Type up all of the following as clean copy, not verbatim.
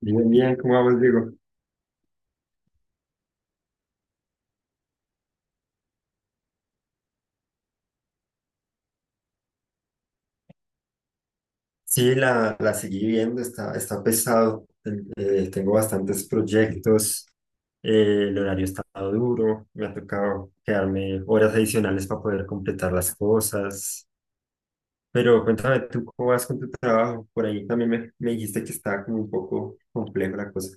Bien, bien, ¿cómo vamos, Diego? Sí, la seguí viendo, está pesado, tengo bastantes proyectos, el horario está duro, me ha tocado quedarme horas adicionales para poder completar las cosas, pero cuéntame tú cómo vas con tu trabajo, por ahí también me dijiste que estaba como un poco compleja la cosa.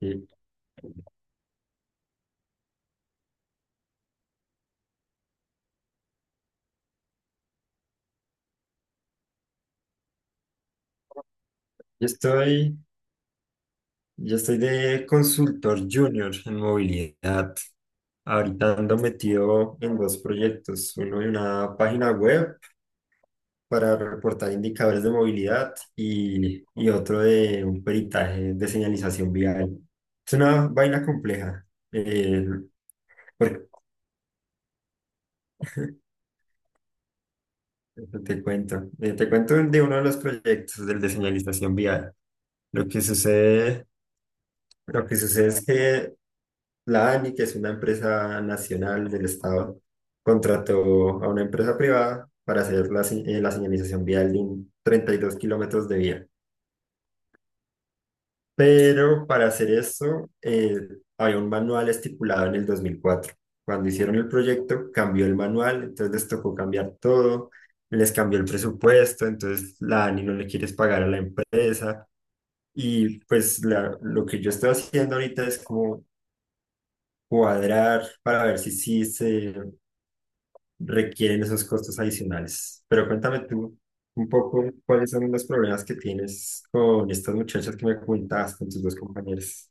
Sí. Yo estoy, yo estoy de consultor junior en movilidad, ahorita ando metido en dos proyectos, uno de una página web, para reportar indicadores de movilidad y otro de un peritaje de señalización vial. Es una vaina compleja, eh, porque te cuento de uno de los proyectos del de señalización vial. Lo que sucede, lo que sucede es que la ANI, que es una empresa nacional del Estado, contrató a una empresa privada para hacer la señalización vial de un 32 kilómetros de vía. Pero para hacer eso, había un manual estipulado en el 2004. Cuando hicieron el proyecto, cambió el manual, entonces les tocó cambiar todo, les cambió el presupuesto, entonces la ANI no le quieres pagar a la empresa. Y pues lo que yo estoy haciendo ahorita es como cuadrar para ver si sí se requieren esos costos adicionales. Pero cuéntame tú un poco cuáles son los problemas que tienes con estas muchachas que me comentabas, con tus dos compañeros.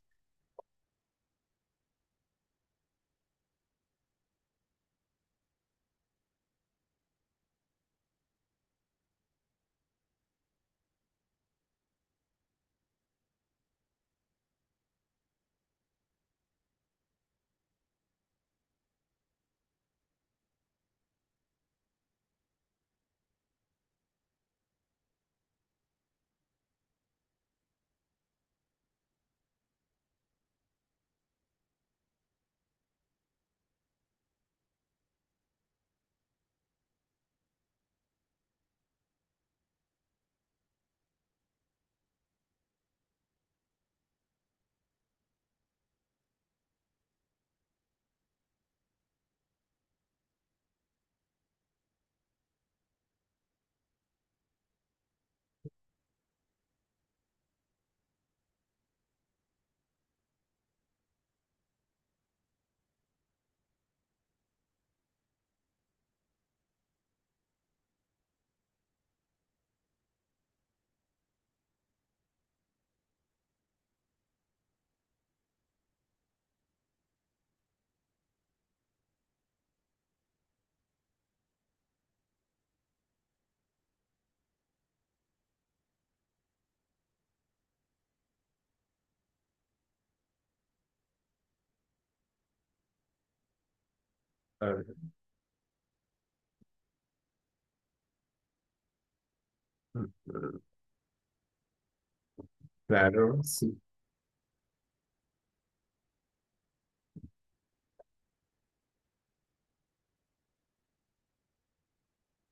Claro, sí.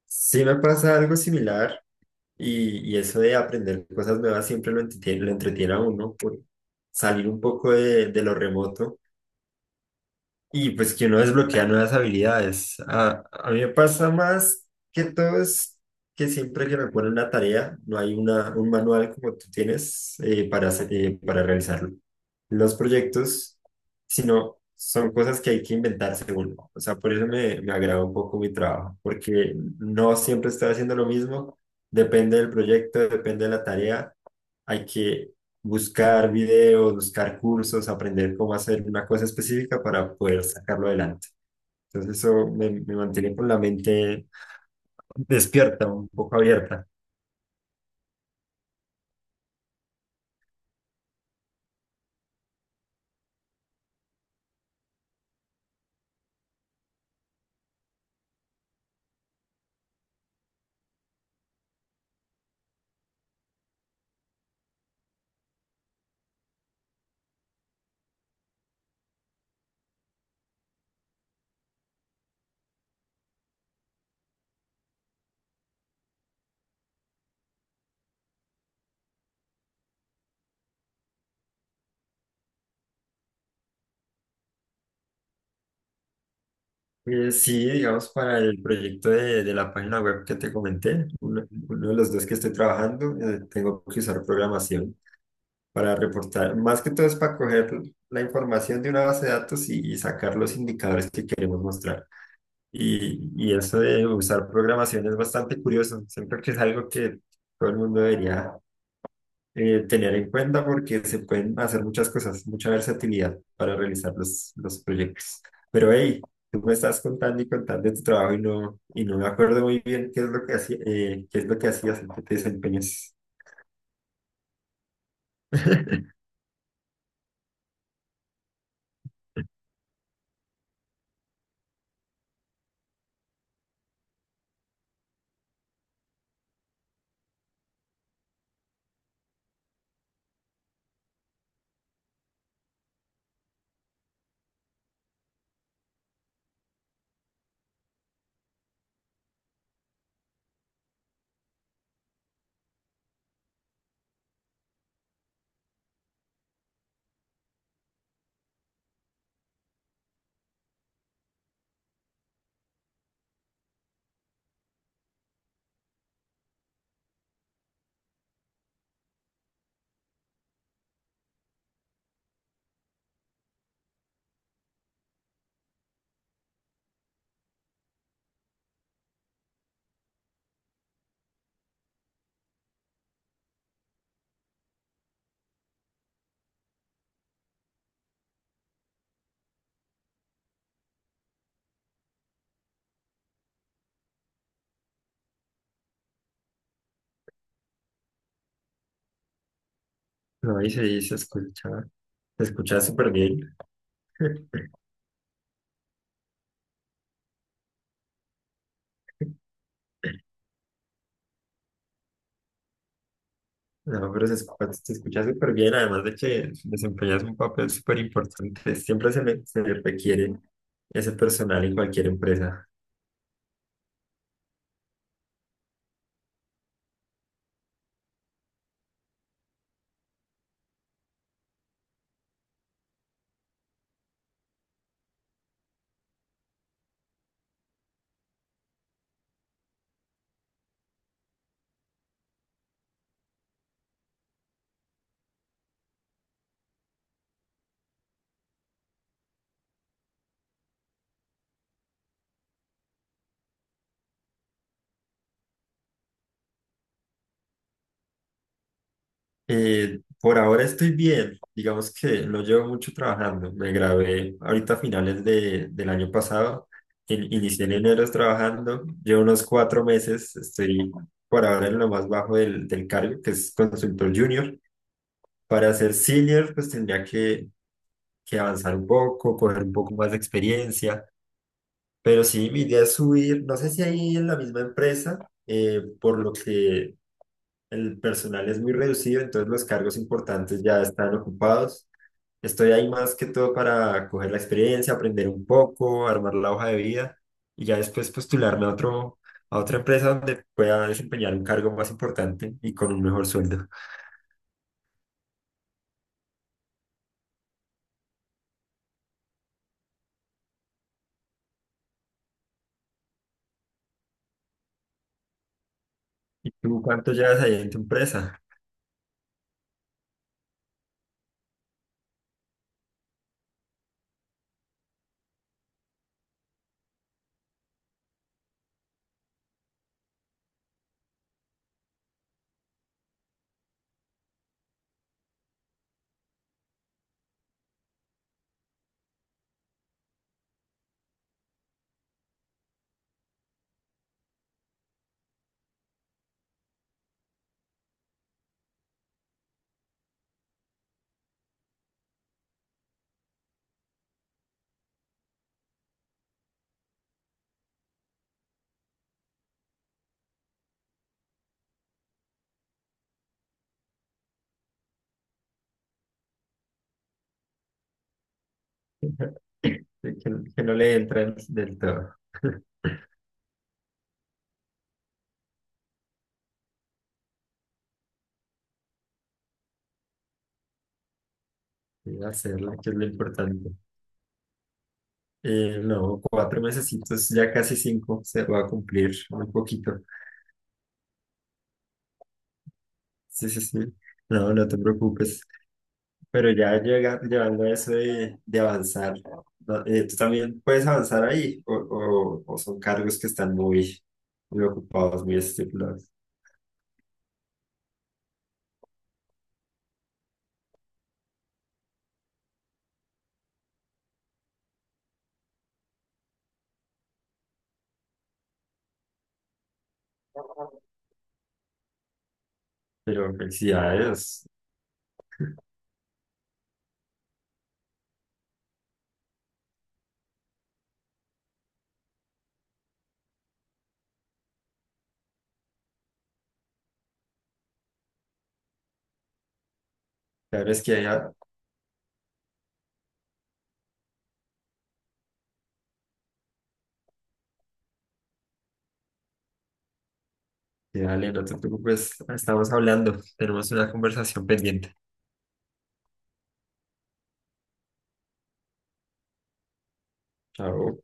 Sí me pasa algo similar y eso de aprender cosas nuevas siempre lo entretiene a uno por salir un poco de lo remoto. Y pues que uno desbloquea nuevas habilidades. A mí me pasa más que todo es que siempre que me ponen una tarea, no hay una, un manual como tú tienes para realizarlo. Los proyectos, sino son cosas que hay que inventarse uno. O sea, por eso me agrada un poco mi trabajo, porque no siempre estoy haciendo lo mismo. Depende del proyecto, depende de la tarea, hay que buscar videos, buscar cursos, aprender cómo hacer una cosa específica para poder sacarlo adelante. Entonces eso me mantiene con la mente despierta, un poco abierta. Sí, digamos, para el proyecto de la página web que te comenté, uno de los dos que estoy trabajando, tengo que usar programación para reportar. Más que todo es para coger la información de una base de datos y sacar los indicadores que queremos mostrar. Y eso de usar programación es bastante curioso. Siento que es algo que todo el mundo debería tener en cuenta porque se pueden hacer muchas cosas, mucha versatilidad para realizar los proyectos. Pero hey, tú me estás contando y contando de tu trabajo y no me acuerdo muy bien qué es lo que hacías, en qué te desempeñas. No, y se escucha súper bien. No, pero se escucha súper bien, además de que desempeñas un papel súper importante. Siempre se le requiere ese personal en cualquier empresa. Por ahora estoy bien, digamos que no llevo mucho trabajando. Me gradué ahorita a finales del año pasado. Inicié en enero trabajando, llevo unos 4 meses, estoy por ahora en lo más bajo del cargo, que es consultor junior. Para ser senior, pues tendría que avanzar un poco, coger un poco más de experiencia. Pero sí, mi idea es subir, no sé si ahí en la misma empresa, por lo que el personal es muy reducido, entonces los cargos importantes ya están ocupados. Estoy ahí más que todo para coger la experiencia, aprender un poco, armar la hoja de vida y ya después postularme a otra empresa donde pueda desempeñar un cargo más importante y con un mejor sueldo. ¿Y tú cuánto llevas ahí en tu empresa? Que, que no le entran del todo. Sí, hacerla, que es lo importante. No, 4 mesecitos, ya casi cinco, se va a cumplir un poquito. Sí, sí, sí. No, no te preocupes. Pero ya llega, llevando a eso de avanzar, ¿no? ¿Tú también puedes avanzar ahí? ¿O son cargos que están muy, muy ocupados, muy estipulados? Pero felicidades. Claro, es que ya, dale, no te preocupes. Estamos hablando, tenemos una conversación pendiente. Chao.